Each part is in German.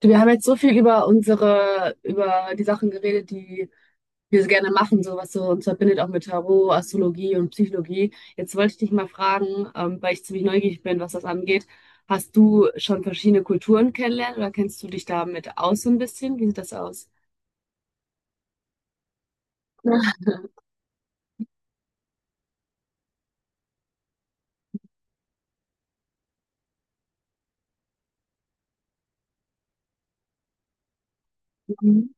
Du, wir haben jetzt so viel über die Sachen geredet, die wir so gerne machen, so was so uns verbindet, auch mit Tarot, Astrologie und Psychologie. Jetzt wollte ich dich mal fragen, weil ich ziemlich neugierig bin, was das angeht. Hast du schon verschiedene Kulturen kennengelernt oder kennst du dich damit aus so ein bisschen? Wie sieht das aus? Mhm.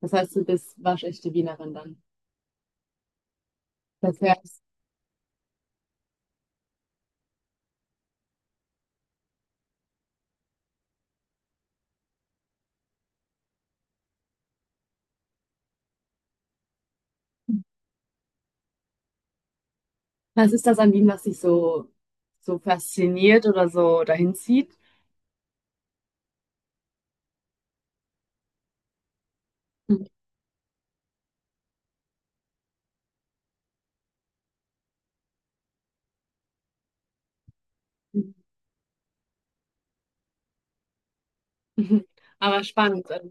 Das heißt, du bist waschechte Wienerin dann. Das heißt, was ist das an Wien, was dich so, so fasziniert oder so dahin zieht? Mhm. Aber spannend, also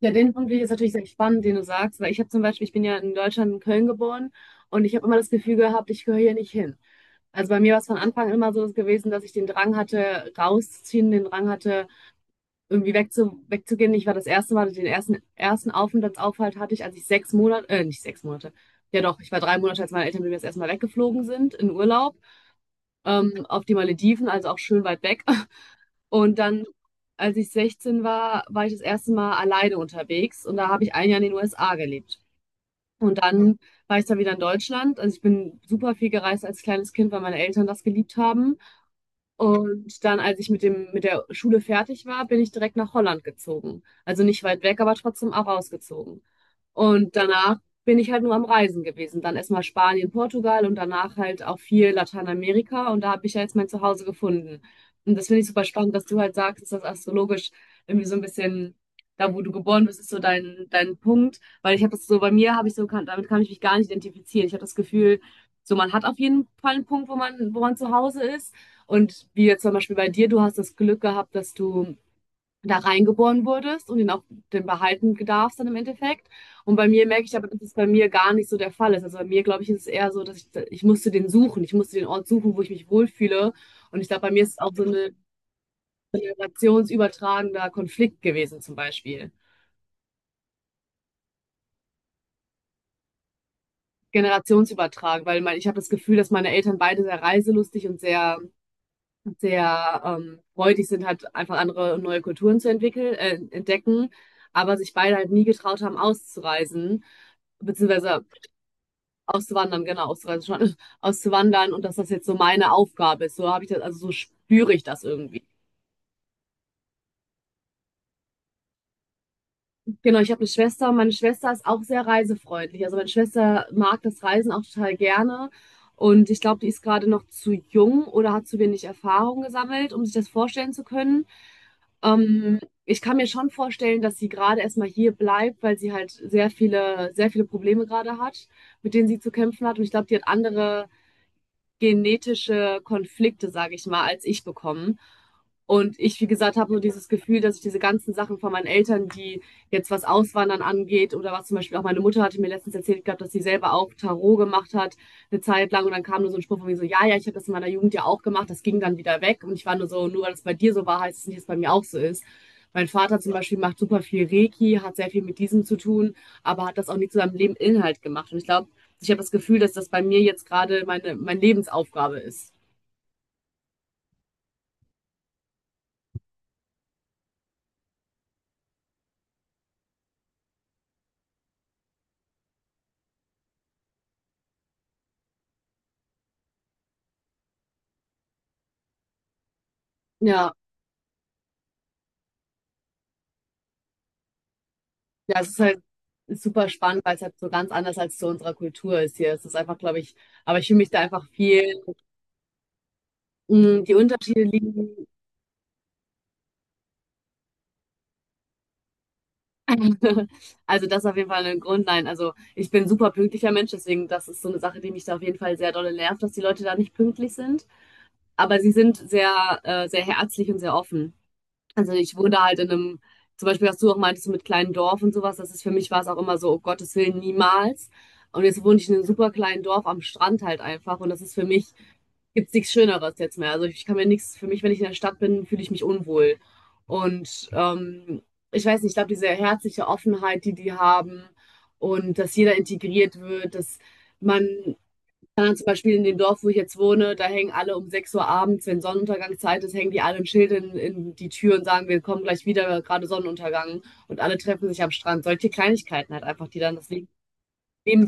ja, den Punkt finde ich jetzt natürlich sehr spannend, den du sagst, weil ich habe zum Beispiel, ich bin ja in Deutschland, in Köln geboren und ich habe immer das Gefühl gehabt, ich gehöre hier nicht hin. Also bei mir war es von Anfang immer so gewesen, dass ich den Drang hatte, rauszuziehen, den Drang hatte, irgendwie wegzugehen. Ich war das erste Mal, den ersten Aufenthaltsaufhalt hatte ich, als ich 6 Monate, nicht 6 Monate, ja doch, ich war 3 Monate, als meine Eltern mit mir das erste Mal weggeflogen sind, in Urlaub, auf die Malediven, also auch schön weit weg. Und dann, als ich 16 war, war ich das erste Mal alleine unterwegs und da habe ich ein Jahr in den USA gelebt. Und dann war ich da wieder in Deutschland. Also ich bin super viel gereist als kleines Kind, weil meine Eltern das geliebt haben. Und dann, als ich mit der Schule fertig war, bin ich direkt nach Holland gezogen. Also nicht weit weg, aber trotzdem auch rausgezogen. Und danach bin ich halt nur am Reisen gewesen. Dann erstmal Spanien, Portugal und danach halt auch viel Lateinamerika. Und da habe ich ja jetzt mein Zuhause gefunden. Und das finde ich super spannend, dass du halt sagst, dass das astrologisch irgendwie so ein bisschen, da wo du geboren bist, ist so dein, dein Punkt. Weil ich habe das so, bei mir habe ich so, kann, damit kann ich mich gar nicht identifizieren. Ich habe das Gefühl, so man hat auf jeden Fall einen Punkt, wo man zu Hause ist. Und wie jetzt zum Beispiel bei dir, du hast das Glück gehabt, dass du da reingeboren wurdest und ihn auch den behalten darfst dann im Endeffekt. Und bei mir merke ich aber, dass es bei mir gar nicht so der Fall ist. Also bei mir, glaube ich, ist es eher so, dass ich musste den suchen. Ich musste den Ort suchen, wo ich mich wohlfühle. Und ich glaube, bei mir ist es auch so ein generationsübertragender Konflikt gewesen, zum Beispiel. Generationsübertragend, weil mein, ich habe das Gefühl, dass meine Eltern beide sehr reiselustig und sehr freudig sind, halt einfach andere und neue Kulturen zu entwickeln, entdecken, aber sich beide halt nie getraut haben, auszureisen, beziehungsweise auszuwandern, genau, auszureisen schon, auszuwandern und dass das jetzt so meine Aufgabe ist. So habe ich das, also so spüre ich das irgendwie. Genau, ich habe eine Schwester und meine Schwester ist auch sehr reisefreundlich. Also meine Schwester mag das Reisen auch total gerne. Und ich glaube, die ist gerade noch zu jung oder hat zu wenig Erfahrung gesammelt, um sich das vorstellen zu können. Ähm, Ich kann mir schon vorstellen, dass sie gerade erstmal hier bleibt, weil sie halt sehr viele Probleme gerade hat, mit denen sie zu kämpfen hat. Und ich glaube, die hat andere genetische Konflikte, sage ich mal, als ich bekommen. Und ich, wie gesagt, habe so dieses Gefühl, dass ich diese ganzen Sachen von meinen Eltern, die jetzt was Auswandern angeht oder was zum Beispiel auch meine Mutter hatte mir letztens erzählt gehabt, dass sie selber auch Tarot gemacht hat eine Zeit lang und dann kam nur so ein Spruch von mir so, ich habe das in meiner Jugend ja auch gemacht, das ging dann wieder weg und ich war nur so, nur weil es bei dir so war, heißt es nicht, dass es bei mir auch so ist. Mein Vater zum Beispiel macht super viel Reiki, hat sehr viel mit diesem zu tun, aber hat das auch nicht zu seinem Leben Inhalt gemacht. Und ich glaube, ich habe das Gefühl, dass das bei mir jetzt gerade meine Lebensaufgabe ist. Ja, ja, Es ist halt super spannend, weil es halt so ganz anders als zu unserer Kultur ist hier. Es ist einfach, glaube ich, aber ich fühle mich da einfach viel, mh, die Unterschiede liegen. Also das ist auf jeden Fall ein Grund. Nein, also ich bin ein super pünktlicher Mensch, deswegen das ist so eine Sache, die mich da auf jeden Fall sehr dolle nervt, dass die Leute da nicht pünktlich sind. Aber sie sind sehr, sehr herzlich und sehr offen. Also ich wohne halt in einem, zum Beispiel, was du auch meintest so mit kleinen Dorf und sowas, das ist für mich war es auch immer so, oh Gottes Willen, niemals. Und jetzt wohne ich in einem super kleinen Dorf am Strand halt einfach und das ist für mich, gibt's nichts Schöneres jetzt mehr. Also ich kann mir nichts, für mich, wenn ich in der Stadt bin, fühle ich mich unwohl. Und ich weiß nicht, ich glaube, diese herzliche Offenheit, die die haben und dass jeder integriert wird, dass man dann zum Beispiel in dem Dorf, wo ich jetzt wohne, da hängen alle um 6 Uhr abends, wenn Sonnenuntergangszeit ist, hängen die alle ein Schild in die Tür und sagen, wir kommen gleich wieder, gerade Sonnenuntergang. Und alle treffen sich am Strand. Solche Kleinigkeiten halt einfach, die dann das Leben. Leben-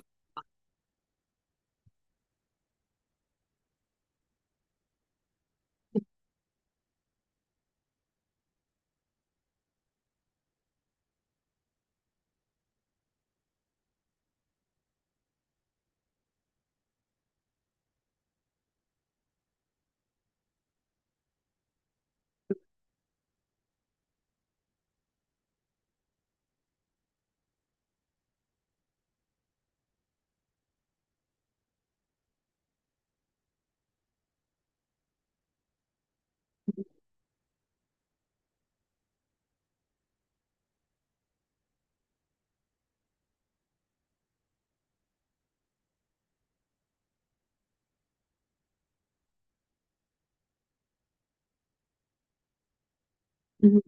mhm.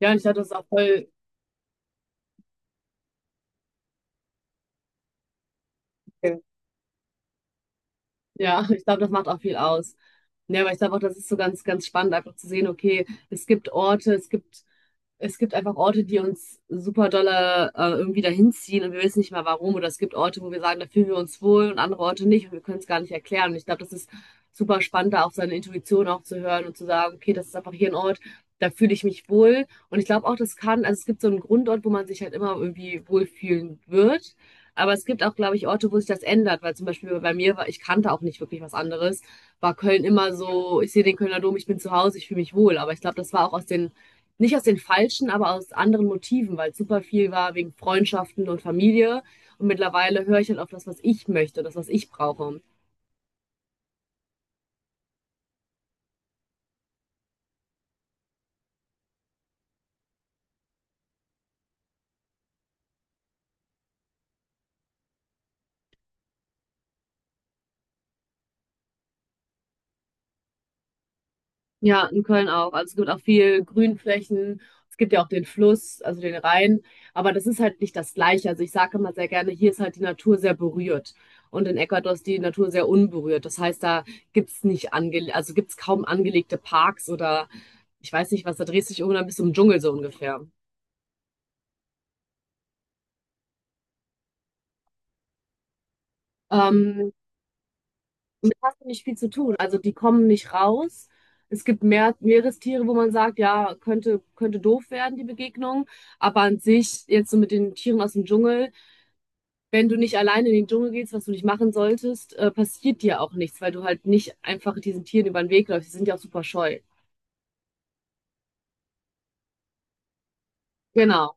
Ja, und ich dachte, das ist auch voll. Ja, ich glaube, das macht auch viel aus. Ja, aber ich glaube auch, das ist so ganz spannend, einfach zu sehen, okay, es gibt einfach Orte, die uns super dolle irgendwie dahin ziehen und wir wissen nicht mal warum. Oder es gibt Orte, wo wir sagen, da fühlen wir uns wohl und andere Orte nicht und wir können es gar nicht erklären. Und ich glaube, das ist super spannend, da auf seine Intuition auch zu hören und zu sagen, okay, das ist einfach hier ein Ort, da fühle ich mich wohl. Und ich glaube auch, das kann, also es gibt so einen Grundort, wo man sich halt immer irgendwie wohlfühlen wird. Aber es gibt auch, glaube ich, Orte, wo sich das ändert, weil zum Beispiel bei mir war, ich kannte auch nicht wirklich was anderes, war Köln immer so, ich sehe den Kölner Dom, ich bin zu Hause, ich fühle mich wohl. Aber ich glaube, das war auch aus den, nicht aus den falschen, aber aus anderen Motiven, weil super viel war wegen Freundschaften und Familie. Und mittlerweile höre ich halt auf das, was ich möchte, das, was ich brauche. Ja, in Köln auch. Also es gibt auch viel Grünflächen. Es gibt ja auch den Fluss, also den Rhein. Aber das ist halt nicht das Gleiche. Also ich sage immer sehr gerne, hier ist halt die Natur sehr berührt. Und in Ecuador ist die Natur sehr unberührt. Das heißt, da gibt's nicht ange, also gibt's kaum angelegte Parks oder ich weiß nicht was, da drehst du dich irgendwann bis zum Dschungel so ungefähr. Ähm, mit hast du nicht viel zu tun. Also die kommen nicht raus. Es gibt mehr Meerestiere, wo man sagt, ja, könnte doof werden, die Begegnung. Aber an sich, jetzt so mit den Tieren aus dem Dschungel, wenn du nicht alleine in den Dschungel gehst, was du nicht machen solltest, passiert dir auch nichts, weil du halt nicht einfach diesen Tieren über den Weg läufst. Die sind ja auch super scheu. Genau.